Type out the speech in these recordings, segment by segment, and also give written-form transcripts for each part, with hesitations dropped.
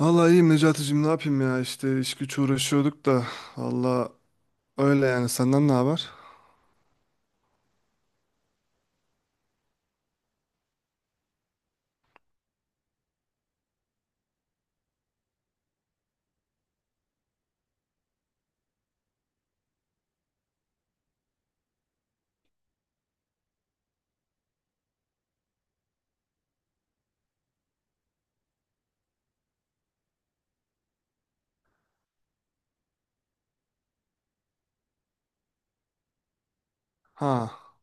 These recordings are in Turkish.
Vallahi iyiyim Necati'cim, ne yapayım ya, işte iş güç uğraşıyorduk da valla, öyle yani. Senden ne haber? Ha,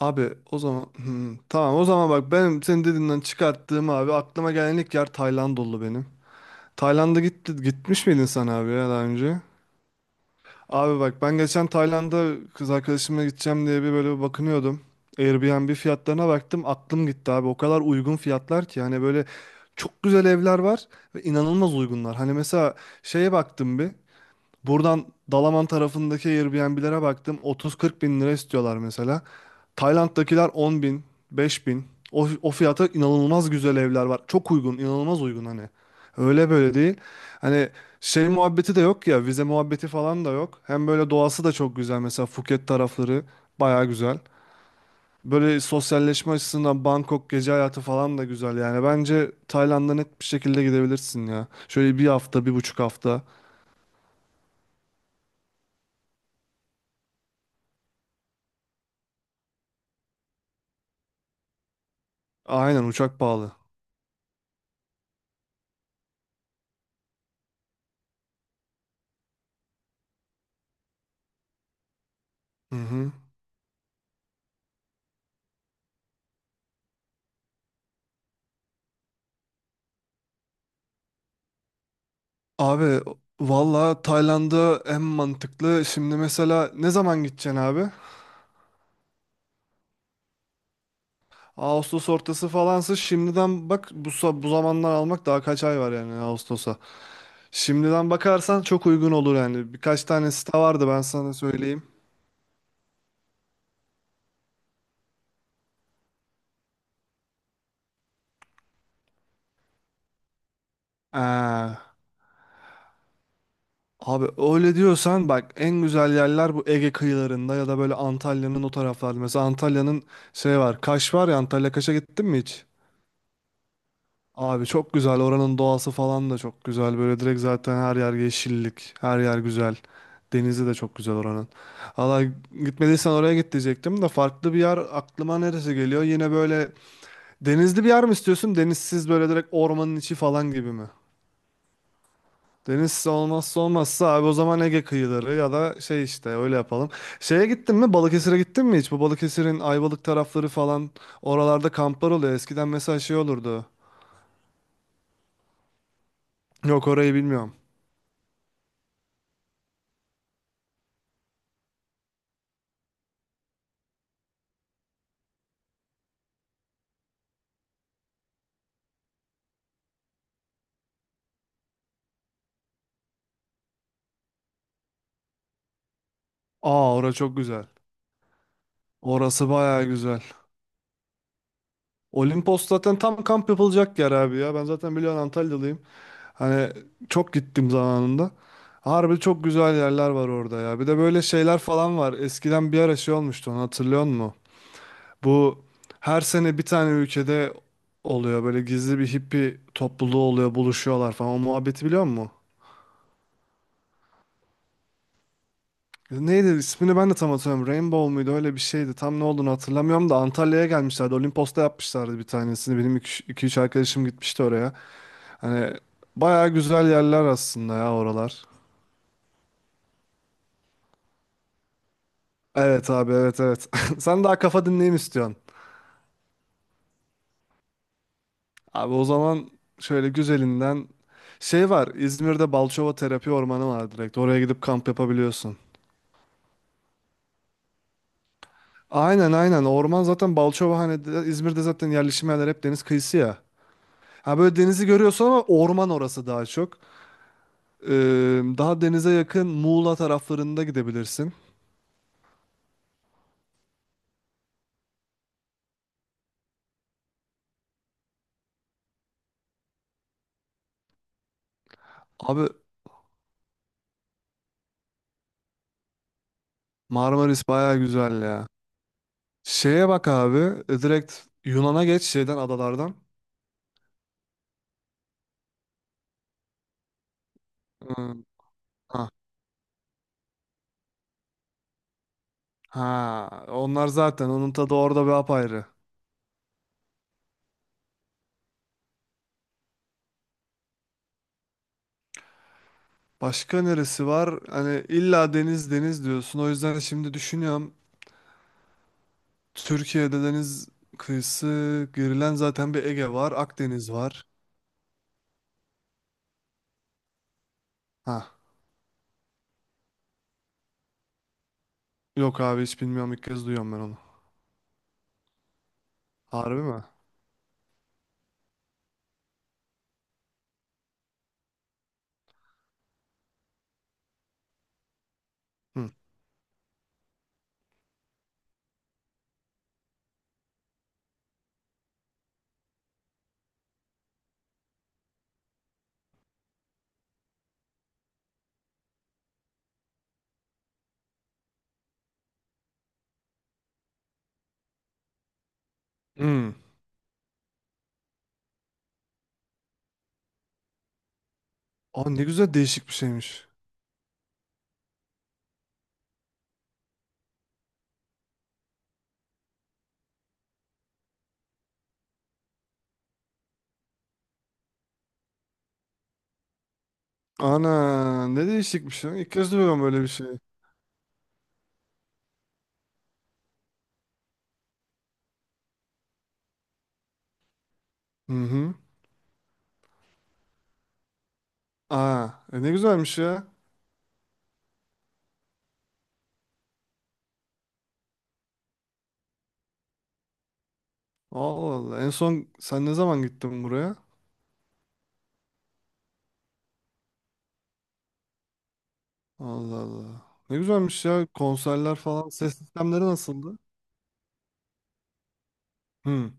abi o zaman tamam o zaman, bak benim senin dediğinden çıkarttığım, abi aklıma gelen ilk yer Tayland oldu benim. Tayland'a gitmiş miydin sen abi ya daha önce? Abi bak, ben geçen Tayland'a kız arkadaşımla gideceğim diye bir böyle bakınıyordum. Airbnb fiyatlarına baktım, aklım gitti abi, o kadar uygun fiyatlar ki, hani böyle çok güzel evler var ve inanılmaz uygunlar. Hani mesela şeye baktım bir. Buradan Dalaman tarafındaki Airbnb'lere baktım. 30-40 bin lira istiyorlar mesela. Tayland'dakiler 10 bin, 5 bin. O fiyata inanılmaz güzel evler var. Çok uygun, inanılmaz uygun hani. Öyle böyle değil. Hani şey muhabbeti de yok ya, vize muhabbeti falan da yok. Hem böyle doğası da çok güzel. Mesela Phuket tarafları baya güzel. Böyle sosyalleşme açısından Bangkok gece hayatı falan da güzel yani. Bence Tayland'a net bir şekilde gidebilirsin ya. Şöyle bir hafta, bir buçuk hafta. Aynen, uçak pahalı. Hı hı. Abi valla Tayland'a en mantıklı. Şimdi mesela ne zaman gideceksin abi? Ağustos ortası falansa şimdiden bak, bu zamandan almak, daha kaç ay var yani Ağustos'a. Şimdiden bakarsan çok uygun olur yani. Birkaç tane site vardı, ben sana söyleyeyim. Ee, abi öyle diyorsan bak, en güzel yerler bu Ege kıyılarında ya da böyle Antalya'nın o taraflarda. Mesela Antalya'nın şey var, Kaş var ya, Antalya Kaş'a gittin mi hiç? Abi çok güzel, oranın doğası falan da çok güzel. Böyle direkt zaten her yer yeşillik, her yer güzel. Denizi de çok güzel oranın. Valla gitmediysen oraya git diyecektim de, farklı bir yer aklıma neresi geliyor? Yine böyle denizli bir yer mi istiyorsun? Denizsiz böyle direkt ormanın içi falan gibi mi? Deniz olmazsa olmazsa abi, o zaman Ege kıyıları ya da şey işte, öyle yapalım. Şeye gittin mi? Balıkesir'e gittin mi hiç? Bu Balıkesir'in Ayvalık tarafları falan, oralarda kamplar oluyor. Eskiden mesela şey olurdu. Yok, orayı bilmiyorum. Aa, orası çok güzel. Orası bayağı güzel. Olimpos zaten tam kamp yapılacak yer abi ya. Ben zaten biliyorsun Antalyalıyım. Hani çok gittim zamanında. Harbi çok güzel yerler var orada ya. Bir de böyle şeyler falan var. Eskiden bir ara şey olmuştu, onu hatırlıyor musun? Bu her sene bir tane ülkede oluyor. Böyle gizli bir hippi topluluğu oluyor. Buluşuyorlar falan. O muhabbeti biliyor musun? Neydi ismini ben de tam hatırlamıyorum. Rainbow muydu, öyle bir şeydi. Tam ne olduğunu hatırlamıyorum da Antalya'ya gelmişlerdi. Olimpos'ta yapmışlardı bir tanesini. Benim iki üç arkadaşım gitmişti oraya. Hani bayağı güzel yerler aslında ya oralar. Evet abi, evet, evet. Sen daha kafa dinleyeyim istiyorsun. Abi o zaman şöyle güzelinden şey var. İzmir'de Balçova Terapi Ormanı var direkt. Oraya gidip kamp yapabiliyorsun. Aynen, aynen. Orman zaten Balçova hani İzmir'de zaten yerleşim yerleri hep deniz kıyısı ya. Ha böyle denizi görüyorsun ama orman, orası daha çok. Ee, daha denize yakın Muğla taraflarında gidebilirsin. Abi Marmaris baya güzel ya. Şeye bak abi, direkt Yunan'a geç şeyden, adalardan. Hmm. Ha, ha, onlar zaten onun tadı orada bir apayrı. Başka neresi var? Hani illa deniz deniz diyorsun. O yüzden şimdi düşünüyorum. Türkiye'de deniz kıyısı girilen zaten, bir Ege var, Akdeniz var. Ha. Yok abi, hiç bilmiyorum, ilk kez duyuyorum ben onu. Harbi mi? Hı. Hmm. Aa, ne güzel, değişik bir şeymiş. Ana ne değişikmiş ya. İlk kez duyuyorum böyle bir şey. Hı hı. Aa, e ne güzelmiş ya. Allah Allah. En son sen ne zaman gittin buraya? Allah Allah. Ne güzelmiş ya. Konserler falan. Ses sistemleri nasıldı? Hı.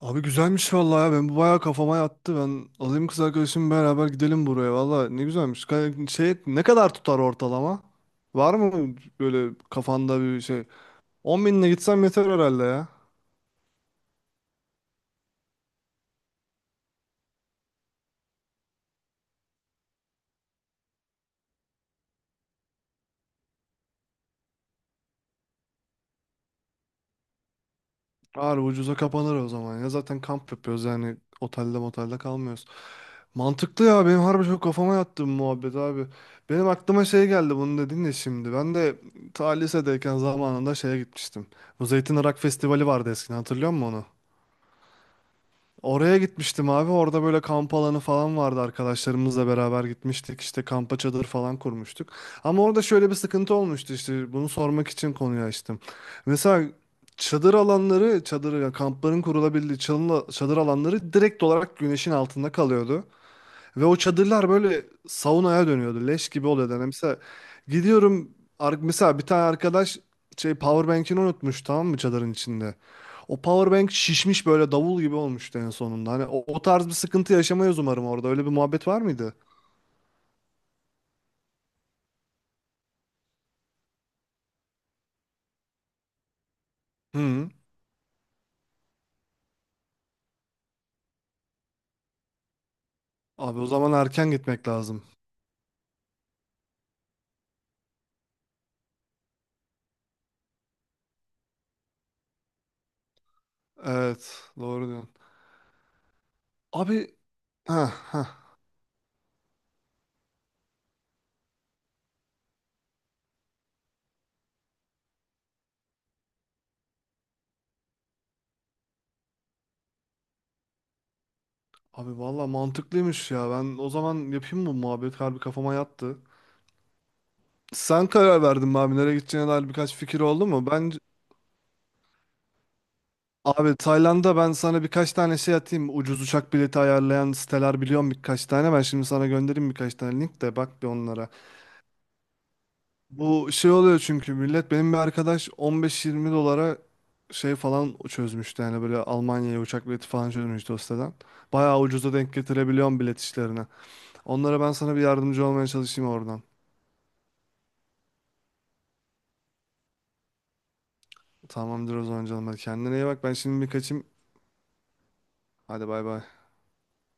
Abi güzelmiş vallahi ya. Ben bu bayağı kafama yattı. Ben alayım kız arkadaşımı, beraber gidelim buraya. Vallahi ne güzelmiş. Şey ne kadar tutar ortalama? Var mı böyle kafanda bir şey? 10 binle gitsem yeter herhalde ya. Ağır ucuza kapanır o zaman ya. Zaten kamp yapıyoruz, yani otelde motelde kalmıyoruz. Mantıklı ya, benim harbi çok kafama yattı bu muhabbet abi. Benim aklıma şey geldi, bunu dedin ya şimdi. Ben de ta lisedeyken zamanında şeye gitmiştim. Bu Zeytin Irak Festivali vardı eskiden, hatırlıyor musun onu? Oraya gitmiştim abi. Orada böyle kamp alanı falan vardı. Arkadaşlarımızla beraber gitmiştik. İşte kampa çadır falan kurmuştuk. Ama orada şöyle bir sıkıntı olmuştu işte. Bunu sormak için konuyu açtım. Mesela çadır alanları, çadır yani kampların kurulabildiği çadır alanları direkt olarak güneşin altında kalıyordu. Ve o çadırlar böyle saunaya dönüyordu. Leş gibi oluyordu. Yani mesela gidiyorum mesela bir tane arkadaş şey powerbank'ini unutmuş tamam mı çadırın içinde. O powerbank şişmiş böyle davul gibi olmuştu en sonunda. Hani o tarz bir sıkıntı yaşamayız umarım orada. Öyle bir muhabbet var mıydı? Hı. Abi o zaman erken gitmek lazım. Evet, doğru diyorsun. Abi ha ha. Abi valla mantıklıymış ya. Ben o zaman yapayım mı bu muhabbet? Harbi kafama yattı. Sen karar verdin mi abi, nereye gideceğine dair birkaç fikir oldu mu? Abi Tayland'a ben sana birkaç tane şey atayım. Ucuz uçak bileti ayarlayan siteler biliyorum birkaç tane. Ben şimdi sana göndereyim birkaç tane link, de bak bir onlara. Bu şey oluyor çünkü millet, benim bir arkadaş 15-20 dolara şey falan çözmüştü. Yani böyle Almanya'ya uçak bileti falan çözmüştü o siteden. Bayağı ucuza denk getirebiliyorum bilet işlerine. Onlara ben sana bir yardımcı olmaya çalışayım oradan. Tamamdır o zaman canım. Hadi kendine iyi bak. Ben şimdi bir kaçayım. Hadi bay bay.